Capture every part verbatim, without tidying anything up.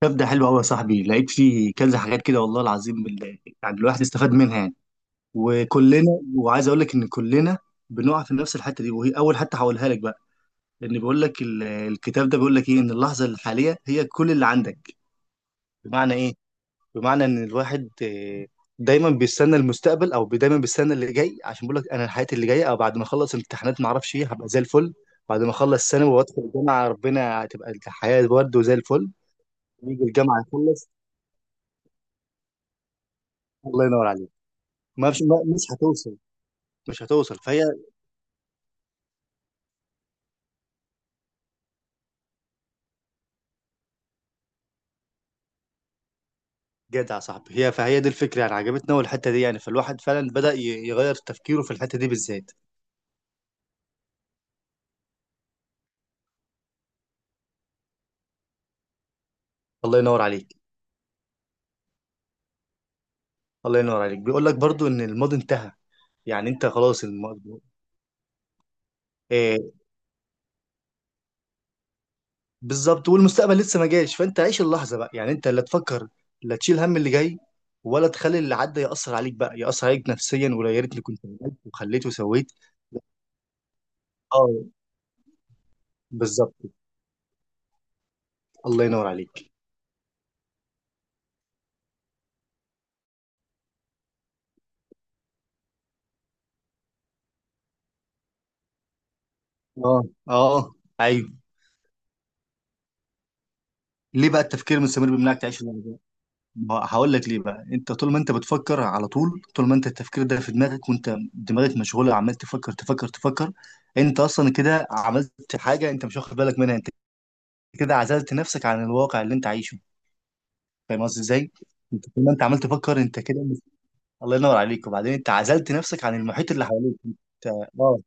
طب ده حلو قوي يا صاحبي، لقيت فيه كذا حاجات كده، والله العظيم بال- يعني الواحد استفاد منها يعني. وكلنا وعايز اقول لك ان كلنا بنقع في نفس الحته دي، وهي اول حته هقولها لك بقى. لان بيقول لك ال- الكتاب ده بيقول لك ايه؟ ان اللحظه الحاليه هي كل اللي عندك. بمعنى ايه؟ بمعنى ان الواحد آه، دايما بيستنى المستقبل، او دايما بيستنى اللي جاي، عشان بيقول لك انا حياتي اللي جايه، او بعد ما اخلص امتحانات ما اعرفش ايه هبقى زي الفل. بعد ما اخلص ثانوي وادخل الجامعه ربنا هتبقى الحياه برده زي الفل. يجي الجامعه يخلص. الله ينور عليك. ما مش ما- مش هتوصل، مش هتوصل فهي. جدع يا صاحبي، هي فهي دي الفكره يعني، عجبتنا أوي الحته دي يعني، فالواحد فعلا بدأ ي- يغير تفكيره في الحته دي بالذات. الله ينور عليك. الله ينور عليك. بيقول لك برضو ان الماضي انتهى، يعني انت خلاص الم... إيه بالظبط. والمستقبل لسه ما جاش، فانت عيش اللحظه بقى. يعني انت لا تفكر، لا تشيل هم اللي جاي، ولا تخلي اللي عدى يأثر عليك بقى، يأثر عليك نفسيا، ولا يا ريتني كنت عملت وخليت وسويت. اه بالظبط. الله ينور عليك. اه. اه. ايوه. ليه بقى التفكير المستمر بيمنعك تعيش اللحظه دي؟ ما هو هقول لك ليه بقى. انت طول ما انت بتفكر على طول، طول ما انت التفكير ده في دماغك وانت دماغك مشغوله عمال تفكر تفكر تفكر، انت اصلا كده عملت حاجه انت مش واخد بالك منها. انت كده عزلت نفسك عن الواقع اللي انت عايشه. فاهم قصدي ازاي؟ انت طول ما انت عمال تفكر انت كده مش... الله ينور عليك. وبعدين انت عزلت نفسك عن المحيط اللي حواليك انت. اه.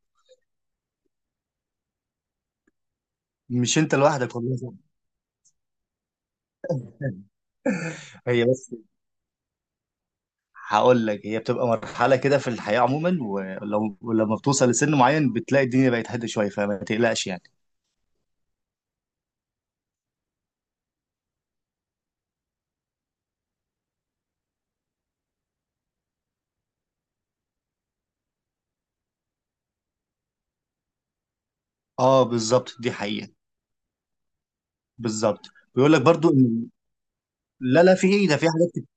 مش انت لوحدك والله. هي بس، هقول لك، هي بتبقى مرحلة كده في الحياة عموما، ولو ولما بتوصل لسن معين بتلاقي الدنيا بقت هادية شوية، فما تقلقش يعني. اه بالظبط، دي حقيقة. بالظبط. بيقول لك برضو إن، لا لا، في ايه ده، في حاجات كت-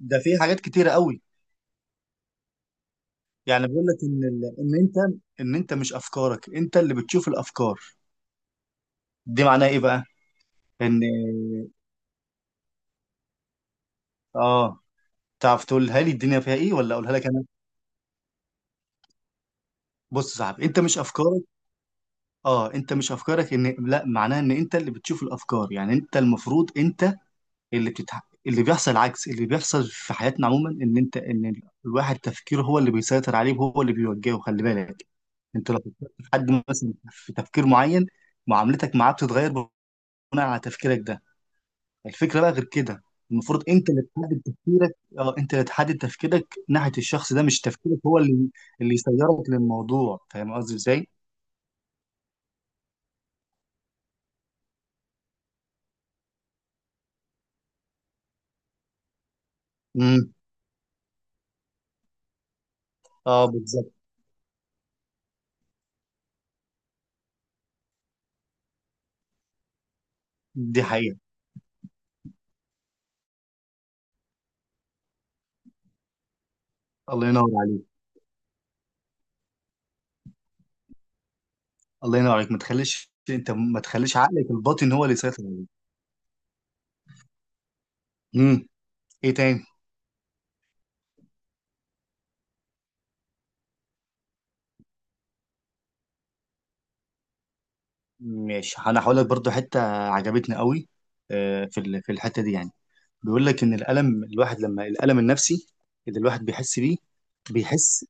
ده في حاجات كتيرة قوي. يعني بيقول لك ان ال... ان انت ان انت مش افكارك، انت اللي بتشوف الافكار. دي معناها ايه بقى؟ ان اه تعرف تقولها لي الدنيا فيها ايه، ولا اقولها لك انا؟ بص يا صاحبي، انت مش افكارك. اه انت مش افكارك، ان لا معناها ان انت اللي بتشوف الافكار. يعني انت المفروض انت اللي بتتح... اللي بيحصل العكس. اللي بيحصل في حياتنا عموما ان انت، ان الواحد تفكيره هو اللي بيسيطر عليه وهو اللي بيوجهه. خلي بالك، انت لو فكرت في حد مثلا في تفكير معين، معاملتك معاه بتتغير بناء على تفكيرك ده. الفكره بقى غير كده. المفروض انت اللي تحدد تفكيرك، اه انت اللي تحدد تفكيرك ناحيه الشخص ده، مش تفكيرك هو اللي اللي يسيرك للموضوع. فاهم قصدي ازاي؟ امم. اه بالظبط، دي حقيقه. الله ينور عليك. الله ينور عليك. ما تخليش انت، ما تخليش عقلك الباطن هو اللي يسيطر عليك. مم. ايه تاني؟ ماشي، انا هقول لك برضو حته عجبتني قوي. آه، في ال- في الحته دي يعني، بيقول لك ان الالم، الواحد لما الالم النفسي اللي الواحد بيحس بيه، بيحس،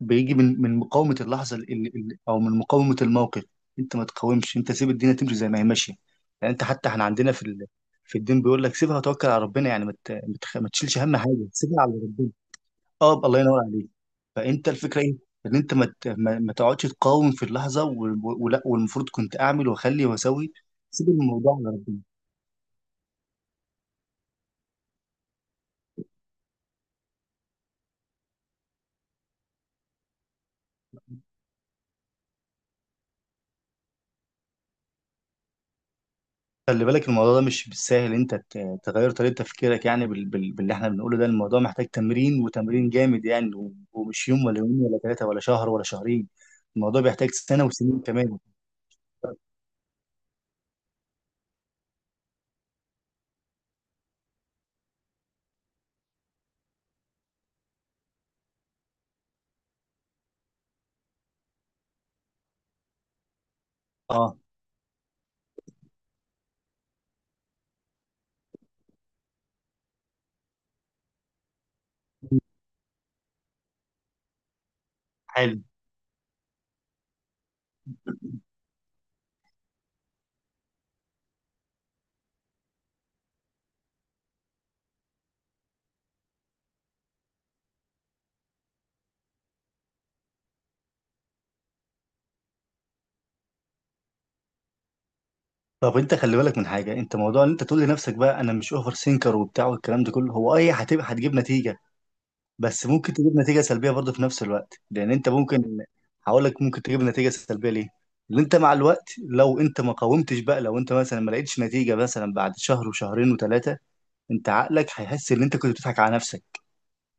بيجي من من مقاومه اللحظه ال- ال- ال- او من مقاومه الموقف. انت ما تقاومش، انت سيب الدنيا تمشي زي ما هي ماشيه. يعني انت حتى احنا عندنا في ال- في الدين بيقول لك سيبها وتوكل على ربنا، يعني ما ت- ما تخ- ما تشيلش هم حاجه، سيبها على ربنا. اه الله ينور عليك. فانت الفكره ايه؟ ان انت ما ت- ما ما تقعدش تقاوم في اللحظه، و- و- ولا والمفروض كنت اعمل واخلي واسوي. سيب الموضوع على ربنا. خلي بالك الموضوع ده مش بالساهل، انت ت- تغير طريقه تفكيرك يعني بال... بال... باللي احنا بنقوله ده، الموضوع محتاج تمرين، وتمرين جامد يعني، و... ومش يوم ولا يومين ولا ثلاثه ولا شهر ولا شهرين. الموضوع بيحتاج سنه وسنين كمان. اه. حلو. طب انت خلي بالك من حاجه، انت موضوع ان انت تقول لنفسك بقى انا مش اوفر سينكر وبتاع والكلام ده كله، هو اي هتبقى هتجيب نتيجه، بس ممكن تجيب نتيجة سلبية برضه في نفس الوقت. لأن أنت ممكن، هقول لك ممكن تجيب نتيجة سلبية ليه؟ لأن أنت مع الوقت لو أنت ما قاومتش بقى، لو أنت مثلا ما لقيتش نتيجة مثلا بعد شهر وشهرين وثلاثة، أنت عقلك هيحس إن أنت كنت بتضحك على نفسك.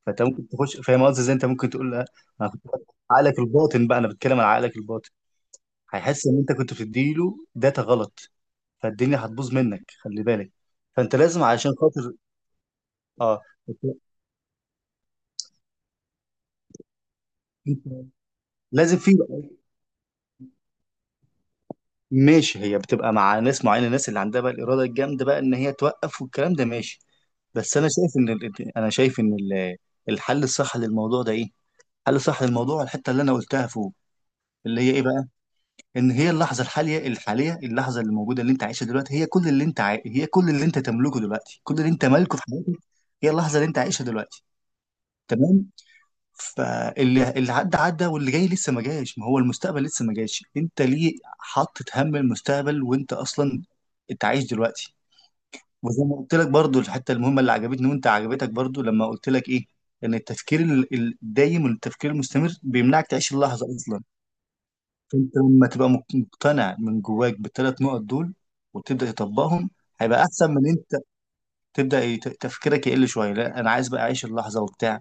فأنت ممكن تخش، فاهم قصدي إزاي؟ أنت ممكن تقول لا أنا كنت بضحك. على عقلك الباطن بقى، أنا بتكلم على عقلك الباطن، هيحس إن أنت كنت بتديله داتا غلط، فالدنيا هتبوظ منك خلي بالك. فأنت لازم علشان خاطر، أه. أنت أنت لازم في، ماشي هي بتبقى مع ناس معينه، الناس اللي عندها بقى الاراده الجامده بقى ان هي توقف والكلام ده، ماشي. بس انا شايف ان ال- انا شايف ان ال- الحل الصح للموضوع ده ايه؟ الحل الصح للموضوع الحته اللي انا قلتها فوق، اللي هي ايه بقى؟ ان هي اللحظه الحاليه الحاليه اللحظه اللي موجوده اللي انت عايشها دلوقتي، هي كل اللي انت عاي... هي كل اللي انت تملكه دلوقتي، كل اللي انت مالكه في حياتك. هي اللحظه اللي انت عايشها دلوقتي. تمام؟ فاللي، اللي عدى عدى، واللي جاي لسه ما جاش، ما هو المستقبل لسه ما جاش، انت ليه حاطط هم المستقبل وانت اصلا انت عايش دلوقتي؟ وزي ما قلت لك برضو، الحته المهمه اللي عجبتني وانت عجبتك برضو، لما قلت لك ايه؟ ان التفكير ال- الدايم، والتفكير المستمر بيمنعك تعيش اللحظه اصلا. فانت لما تبقى مقتنع من جواك بالثلاث نقط دول، وتبدا تطبقهم، هيبقى احسن من تبدا ي- ت- تفكيرك يقل شويه، لا انا عايز بقى اعيش اللحظه وبتاع.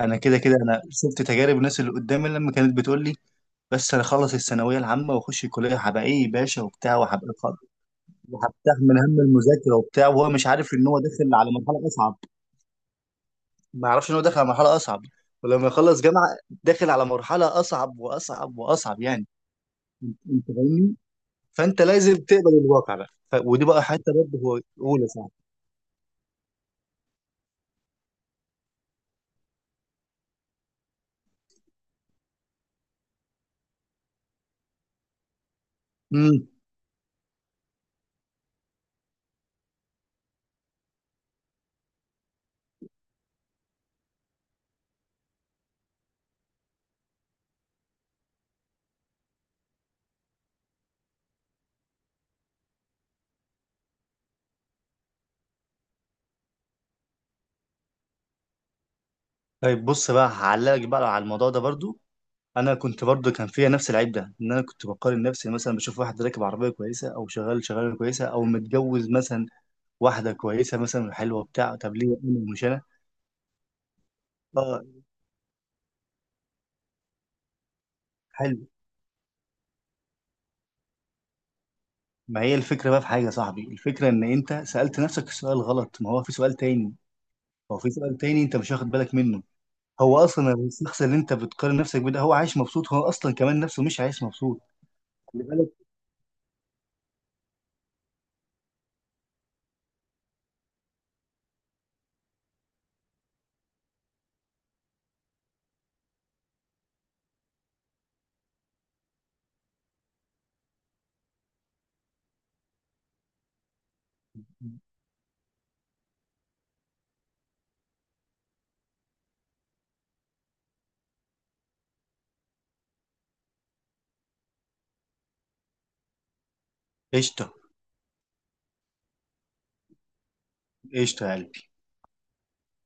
انا كده كده انا شفت تجارب الناس اللي قدامي، لما كانت بتقول لي بس انا اخلص الثانويه العامه واخش الكليه هبقى ايه يا باشا وبتاع، وهبقى خ- وهبتاع من هم المذاكره وبتاع، وهو مش عارف ان هو داخل على مرحله اصعب. ما يعرفش ان هو داخل على مرحله اصعب، ولما يخلص جامعه داخل على مرحله اصعب واصعب واصعب يعني. انت فاهمني؟ فانت لازم تقبل الواقع بقى، ف- ودي بقى حته برضه هو اولى صعب. امم. طيب بص بقى هعلقك بقى على الموضوع ده برضو. انا كنت برضه كان فيا نفس العيب ده، ان انا كنت بقارن نفسي مثلا، بشوف واحد راكب عربيه كويسه، او شغال شغاله كويسه، او متجوز مثلا واحده كويسه مثلا حلوه بتاع، طب ليه انا مش انا؟ اه. حلو. ما هي الفكره بقى، في حاجه يا صاحبي، الفكره ان انت سالت نفسك السؤال غلط، ما هو في سؤال تاني، هو في سؤال تاني انت مش واخد بالك منه. هو اصلا الشخص اللي انت بتقارن نفسك بيه ده هو عايش مبسوط؟ هو اصلا كمان نفسه مش عايش مبسوط. خلي بالك. قشطه. قشطه يا قلبي.